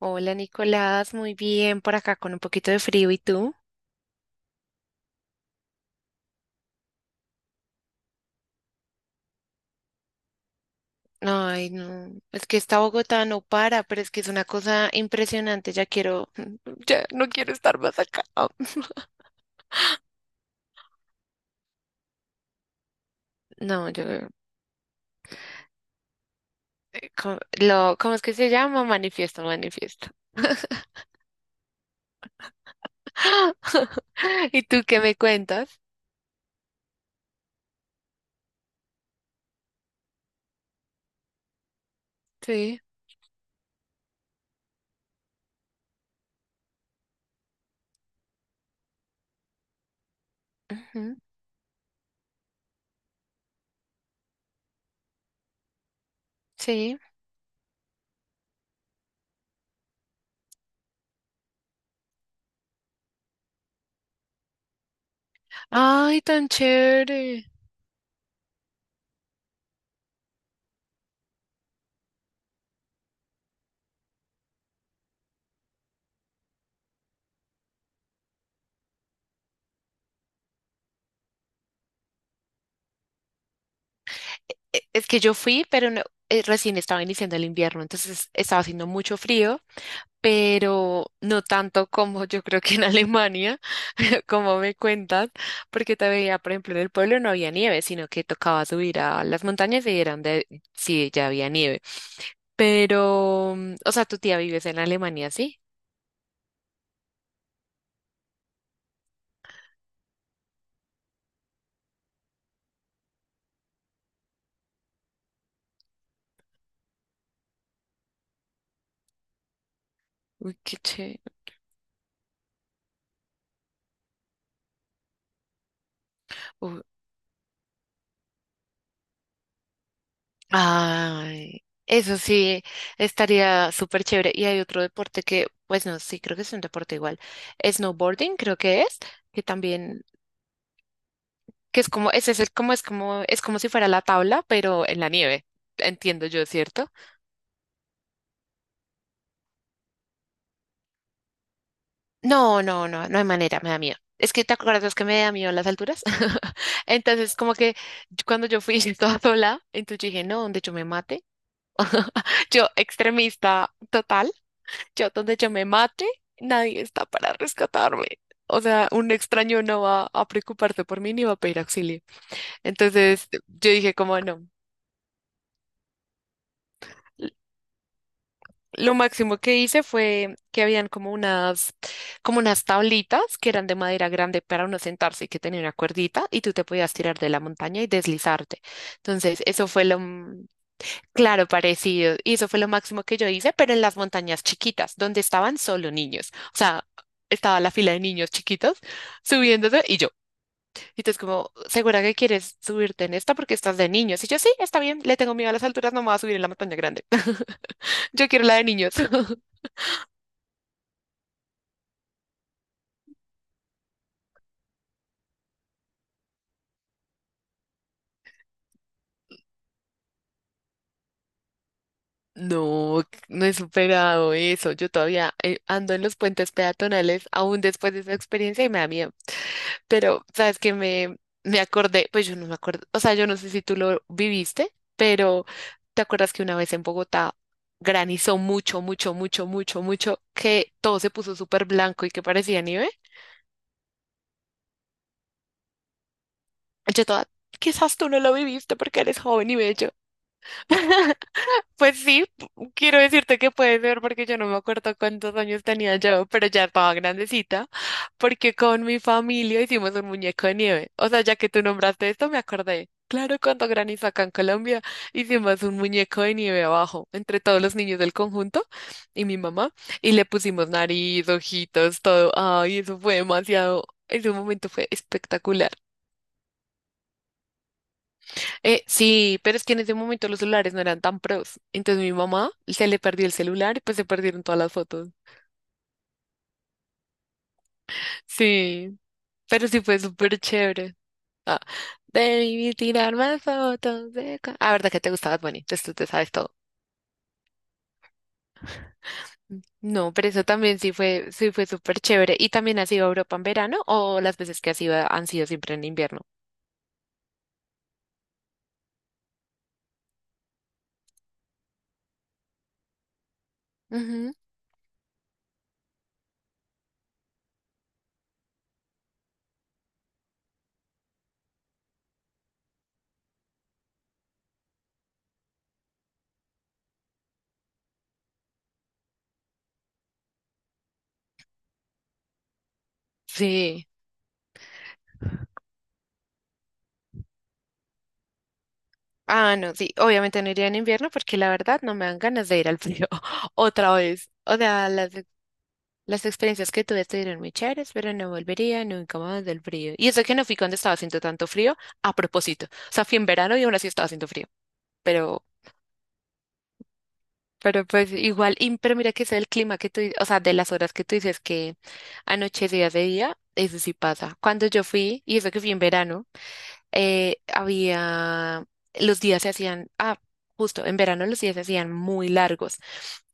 Hola Nicolás, muy bien por acá con un poquito de frío. ¿Y tú? Ay, no, es que esta Bogotá no para, pero es que es una cosa impresionante. Ya quiero, ya no quiero estar más acá. No, yo, ¿cómo es que se llama? Manifiesto, manifiesto. ¿Y tú qué me cuentas? Sí, ujú, sí. Ay, tan chévere. Es que yo fui, pero no, recién estaba iniciando el invierno, entonces estaba haciendo mucho frío. Pero no tanto como yo creo que en Alemania, como me cuentas, porque te veía, por ejemplo, en el pueblo no había nieve, sino que tocaba subir a las montañas y eran de sí, ya había nieve. Pero, o sea, tu tía vives en Alemania, ¿sí? Uy, qué chévere. Uy, ay, eso sí, estaría súper chévere. Y hay otro deporte que, pues no, sí, creo que es un deporte igual. Snowboarding, creo que es, que también que es como, ese es como, es como, es como si fuera la tabla, pero en la nieve. Entiendo yo, ¿cierto? No, no, no, no hay manera, me da miedo. Es que te acuerdas que me da miedo las alturas. Entonces, como que cuando yo fui toda sola, entonces dije, no, donde yo me mate. Yo, extremista total, yo donde yo me mate, nadie está para rescatarme. O sea, un extraño no va a preocuparse por mí ni va a pedir auxilio. Entonces, yo dije, como no. Lo máximo que hice fue que habían como unas tablitas que eran de madera grande para uno sentarse y que tenía una cuerdita y tú te podías tirar de la montaña y deslizarte. Entonces, eso fue lo, claro, parecido. Y eso fue lo máximo que yo hice, pero en las montañas chiquitas, donde estaban solo niños. O sea, estaba la fila de niños chiquitos subiéndose y yo. Y tú como, ¿segura que quieres subirte en esta porque estás de niños? Y yo, sí, está bien, le tengo miedo a las alturas, no me voy a subir en la montaña grande. Yo quiero la de niños. No, no he superado eso. Yo todavía ando en los puentes peatonales aún después de esa experiencia y me da miedo. Pero, ¿sabes qué? Me acordé, pues yo no me acuerdo, o sea, yo no sé si tú lo viviste, pero ¿te acuerdas que una vez en Bogotá granizó mucho, mucho, mucho, mucho, mucho, que todo se puso súper blanco y que parecía nieve? Yo toda, quizás tú no lo viviste porque eres joven y bello. Pues sí, quiero decirte que puede ser porque yo no me acuerdo cuántos años tenía yo, pero ya estaba grandecita, porque con mi familia hicimos un muñeco de nieve. O sea, ya que tú nombraste esto, me acordé. Claro, cuando granizo acá en Colombia, hicimos un muñeco de nieve abajo, entre todos los niños del conjunto y mi mamá, y le pusimos nariz, ojitos, todo. Ay, eso fue demasiado, ese momento fue espectacular. Sí, pero es que en ese momento los celulares no eran tan pros. Entonces mi mamá se le perdió el celular y pues se perdieron todas las fotos. Sí, pero sí fue súper chévere. Ah, debí tirar más fotos de... Ah, verdad que te gustaba Bunny, entonces tú te sabes todo. No, pero eso también sí fue súper chévere. ¿Y también has ido a Europa en verano o las veces que has ido han sido siempre en invierno? Ujú. Sí. Ah, no, sí. Obviamente no iría en invierno porque la verdad no me dan ganas de ir al frío otra vez. O sea, las experiencias que tuve estuvieron muy chéveres, pero no volvería nunca más del frío. Y eso que no fui cuando estaba haciendo tanto frío, a propósito. O sea, fui en verano y aún así estaba haciendo frío. Pero, pero pues igual, pero mira que es el clima que tú, o sea, de las horas que tú dices que anochecía de día, eso sí pasa. Cuando yo fui, y eso que fui en verano, había, los días se hacían, justo, en verano los días se hacían muy largos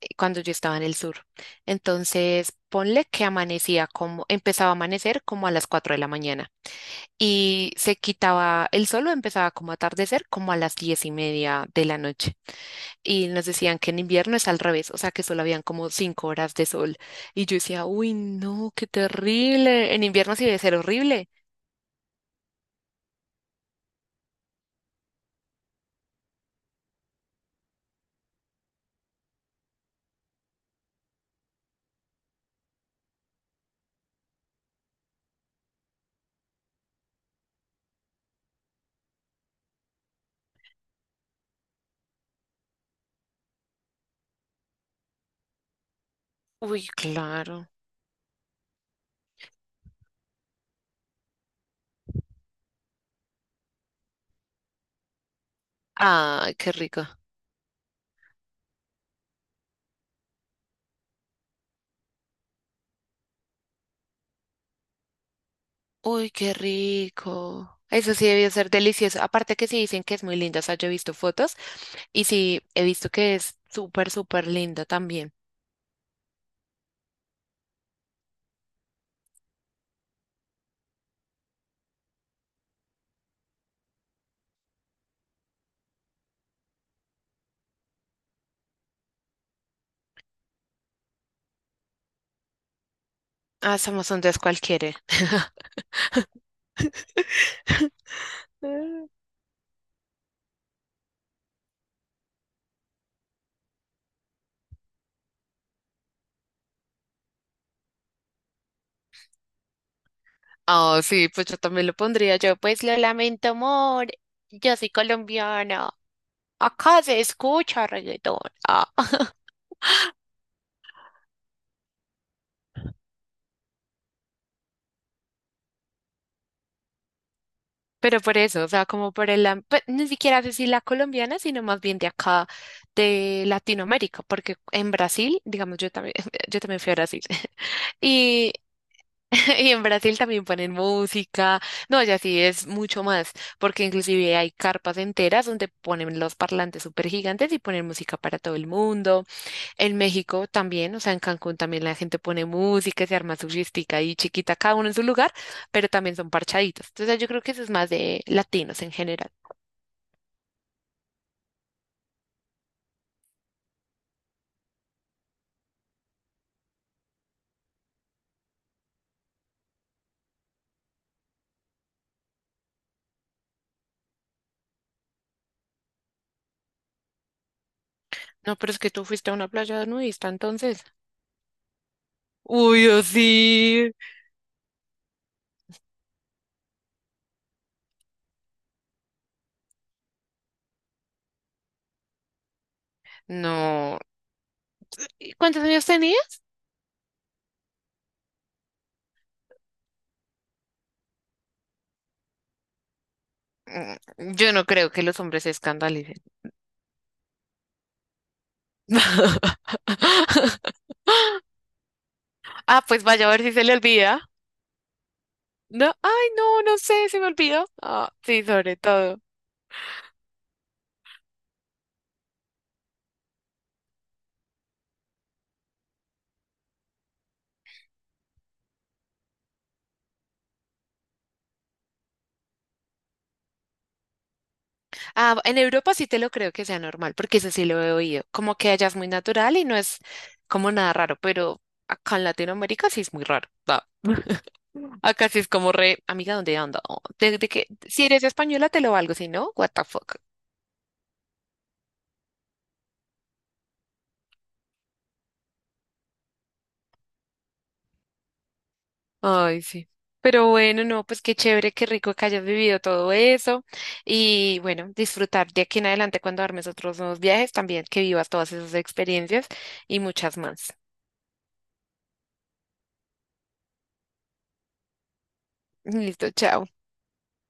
cuando yo estaba en el sur. Entonces, ponle que amanecía como, empezaba a amanecer como a las 4 de la mañana y se quitaba el sol o empezaba como a atardecer como a las 10:30 de la noche. Y nos decían que en invierno es al revés, o sea que solo habían como 5 horas de sol. Y yo decía, uy, no, qué terrible. En invierno sí debe ser horrible. Uy, claro. Ah, qué rico. Uy, qué rico. Eso sí debió ser delicioso. Aparte que sí dicen que es muy linda. O sea, yo he visto fotos y sí he visto que es súper, súper linda también. Ah, somos un dos cualquiera. Oh, sí, pues yo también lo pondría yo. Pues lo lamento, amor. Yo soy colombiana. Acá se escucha reggaetón. Ah. Pero por eso, o sea, como por el, pues, ni siquiera sé si la colombiana, sino más bien de acá, de Latinoamérica, porque en Brasil, digamos, yo también, yo también fui a Brasil, y, y en Brasil también ponen música, no, ya sí es mucho más, porque inclusive hay carpas enteras donde ponen los parlantes súper gigantes y ponen música para todo el mundo. En México también, o sea, en Cancún también la gente pone música, se arma su fiestica y chiquita, cada uno en su lugar, pero también son parchaditos. Entonces yo creo que eso es más de latinos en general. No, pero es que tú fuiste a una playa nudista entonces. Uy, yo sí. No. ¿Y cuántos años tenía? Yo no creo que los hombres se escandalicen. Ah, pues vaya a ver si se le olvida. No, ay, no, no sé, se me olvidó. Ah, sí, sobre todo. Ah, en Europa sí te lo creo que sea normal, porque eso sí lo he oído. Como que allá es muy natural y no es como nada raro, pero acá en Latinoamérica sí es muy raro. Va. Acá sí es como re, amiga, ¿dónde anda? Desde que, si eres española te lo valgo, si no, what the fuck. Ay, sí. Pero bueno, no, pues qué chévere, qué rico que hayas vivido todo eso. Y bueno, disfrutar de aquí en adelante cuando armes otros nuevos viajes, también que vivas todas esas experiencias y muchas más. Listo, chao.